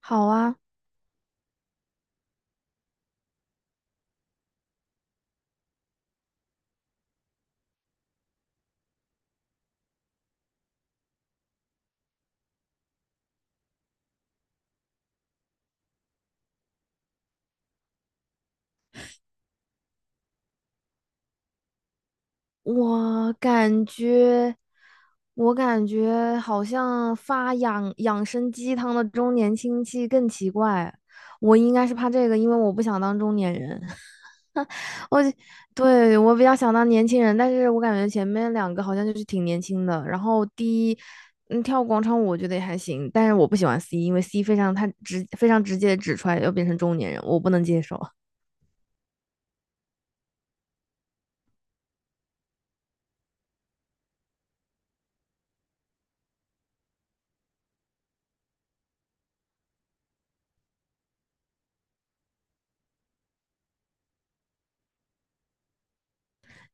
好啊。我感觉，我感觉好像发养生鸡汤的中年亲戚更奇怪。我应该是怕这个，因为我不想当中年人。我，对，我比较想当年轻人，但是我感觉前面两个好像就是挺年轻的。然后第一，嗯，跳广场舞我觉得也还行，但是我不喜欢 C，因为 C 非常直接地指出来要变成中年人，我不能接受。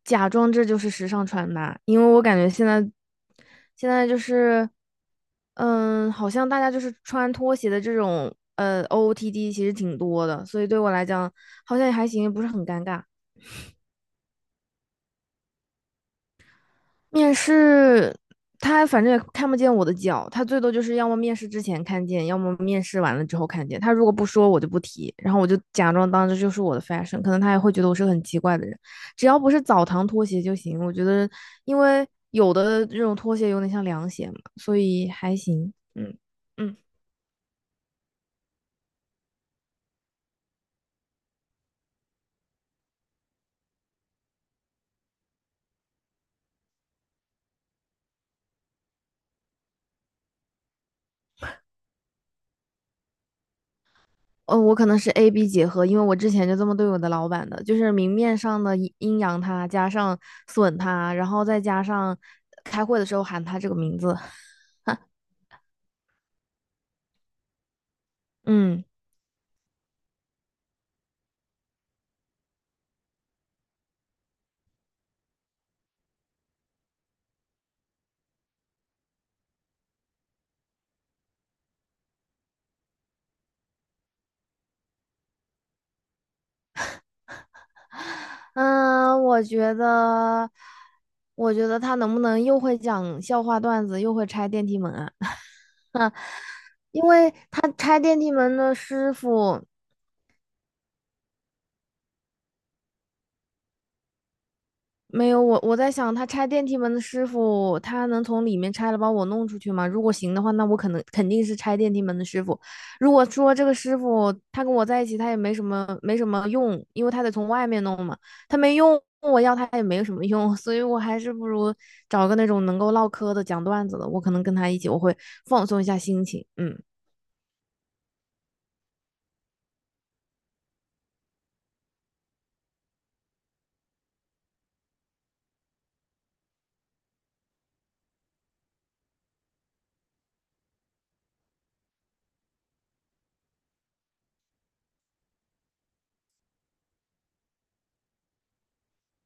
假装这就是时尚穿搭，因为我感觉现在好像大家就是穿拖鞋的这种OOTD 其实挺多的，所以对我来讲好像也还行，不是很尴尬。面试他反正也看不见我的脚，他最多就是要么面试之前看见，要么面试完了之后看见。他如果不说，我就不提，然后我就假装当这就是我的 fashion,可能他也会觉得我是个很奇怪的人。只要不是澡堂拖鞋就行，我觉得，因为有的这种拖鞋有点像凉鞋嘛，所以还行。嗯。嗯，我可能是 A B 结合，因为我之前就这么对我的老板的，就是明面上的阴阳他，加上损他，然后再加上开会的时候喊他这个名字。嗯嗯。我觉得他能不能又会讲笑话段子，又会拆电梯门啊？因为他拆电梯门的师傅。没有，我在想，他拆电梯门的师傅，他能从里面拆了把我弄出去吗？如果行的话，那我可能肯定是拆电梯门的师傅。如果说这个师傅他跟我在一起，他也没什么用，因为他得从外面弄嘛，他没用，我要他也没有什么用，所以我还是不如找个那种能够唠嗑的、讲段子的，我可能跟他一起，我会放松一下心情。嗯，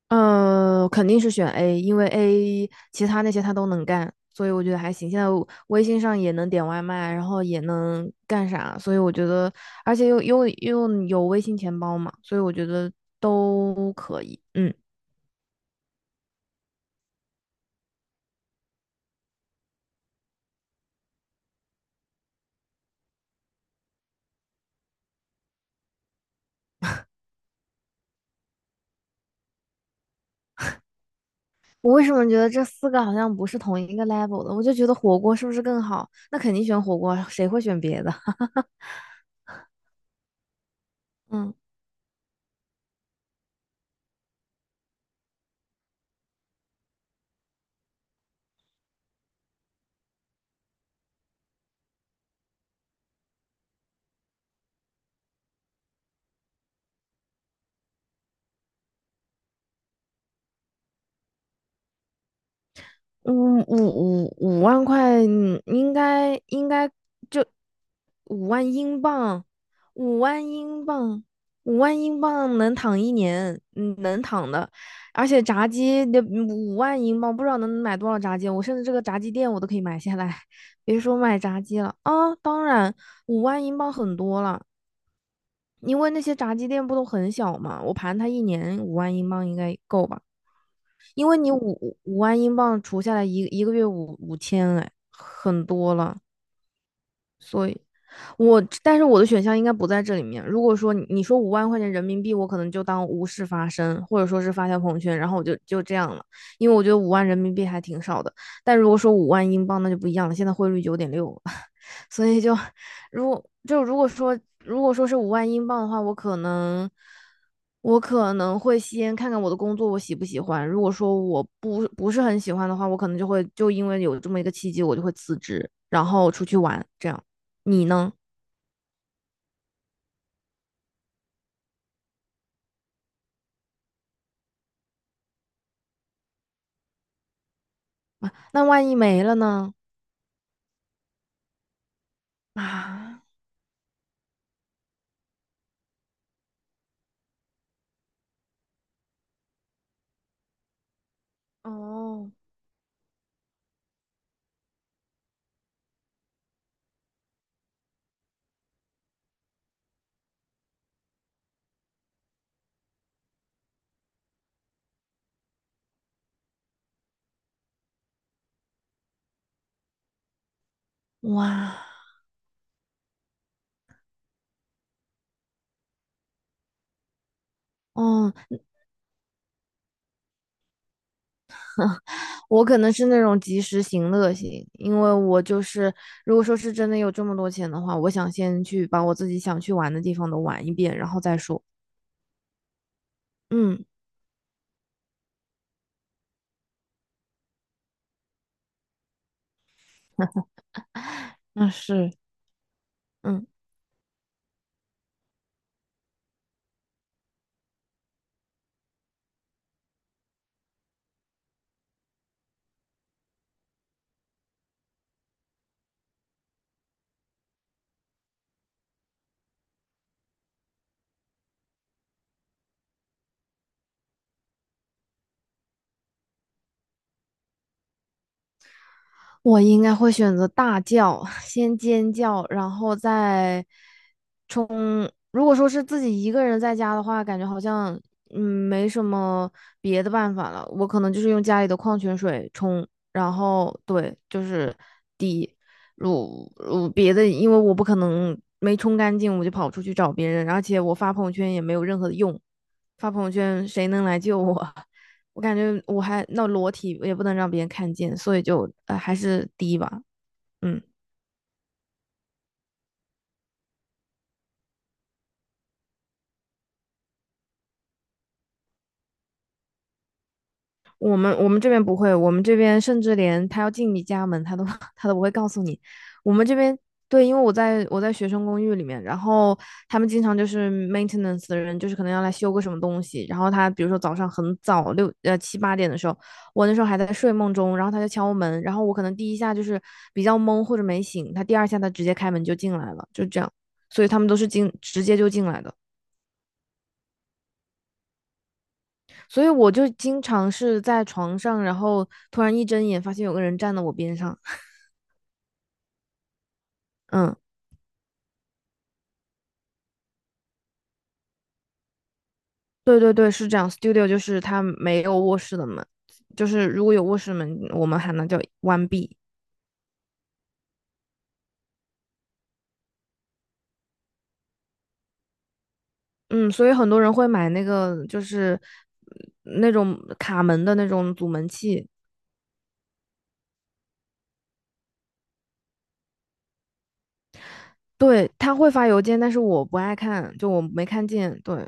嗯，肯定是选 A,因为 A 其他那些他都能干，所以我觉得还行。现在我微信上也能点外卖，然后也能干啥，所以我觉得，而且又有微信钱包嘛，所以我觉得都可以。嗯。我为什么觉得这四个好像不是同一个 level 的？我就觉得火锅是不是更好？那肯定选火锅，谁会选别的？嗯。五五五万块，应该就五万英镑，五万英镑，五万英镑能躺一年，嗯，能躺的。而且炸鸡的五万英镑，不知道能买多少炸鸡。我甚至这个炸鸡店我都可以买下来，别说买炸鸡了啊！当然，五万英镑很多了，因为那些炸鸡店不都很小嘛。我盘它一年五万英镑应该够吧。因为万英镑除下来一个月五千，哎，很多了。所以我，但是我的选项应该不在这里面。如果说你说五万块钱人民币，我可能就当无事发生，或者说是发条朋友圈，然后我就这样了，因为我觉得五万人民币还挺少的。但如果说五万英镑，那就不一样了，现在汇率九点六，所以就如果就如果说如果说是五万英镑的话，我可能会先看看我的工作我喜不喜欢。如果说我不是很喜欢的话，我可能就会因为有这么一个契机，我就会辞职，然后出去玩。这样，你呢？啊，那万一没了呢？啊。哦。哇。哦，我可能是那种及时行乐型，因为我就是如果说是真的有这么多钱的话，我想先去把我自己想去玩的地方都玩一遍，然后再说。嗯，那是。嗯，我应该会选择大叫，先尖叫，然后如果说是自己一个人在家的话，感觉好像没什么别的办法了。我可能就是用家里的矿泉水冲，然后对，就是滴。别的，因为我不可能没冲干净我就跑出去找别人，而且我发朋友圈也没有任何的用，发朋友圈谁能来救我？我感觉我裸体也不能让别人看见，所以就还是滴吧，嗯。我们这边不会，我们这边甚至连他要进你家门，他都 他都不会告诉你。我们这边对，因为我在学生公寓里面，然后他们经常就是 maintenance 的人，就是可能要来修个什么东西，然后他比如说早上很早七八点的时候，我那时候还在睡梦中，然后他就敲门，然后我可能第一下就是比较懵或者没醒，他第二下他直接开门就进来了，就这样，所以他们都是直接就进来的。所以我就经常是在床上，然后突然一睁眼发现有个人站在我边上。嗯，对对对，是这样。Studio 就是它没有卧室的门，就是如果有卧室门，我们喊它叫关闭。嗯，所以很多人会买那个那种卡门的那种阻门器。对，他会发邮件，但是我不爱看，就我没看见。对，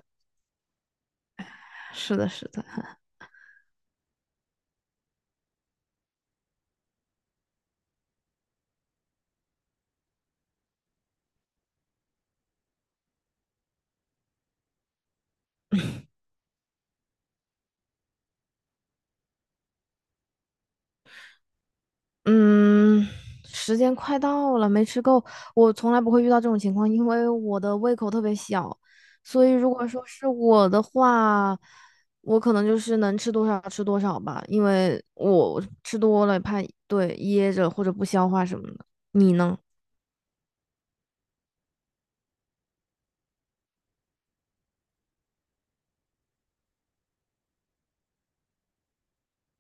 是的，是的。嗯，时间快到了，没吃够。我从来不会遇到这种情况，因为我的胃口特别小，所以如果说是我的话，我可能就是能吃多少吃多少吧，因为我吃多了怕噎着或者不消化什么的。你呢？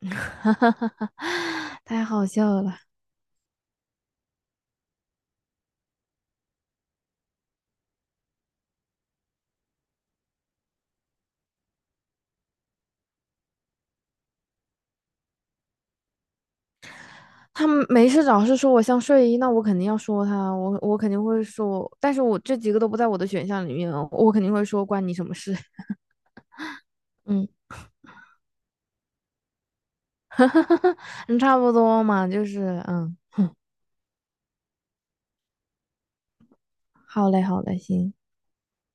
太好笑了。他们没事找事说我像睡衣，那我肯定要说他，我肯定会说，但是我这几个都不在我的选项里面哦，我肯定会说关你什么事？嗯。哈。嗯，差不多嘛，就是嗯。好嘞，好嘞，行，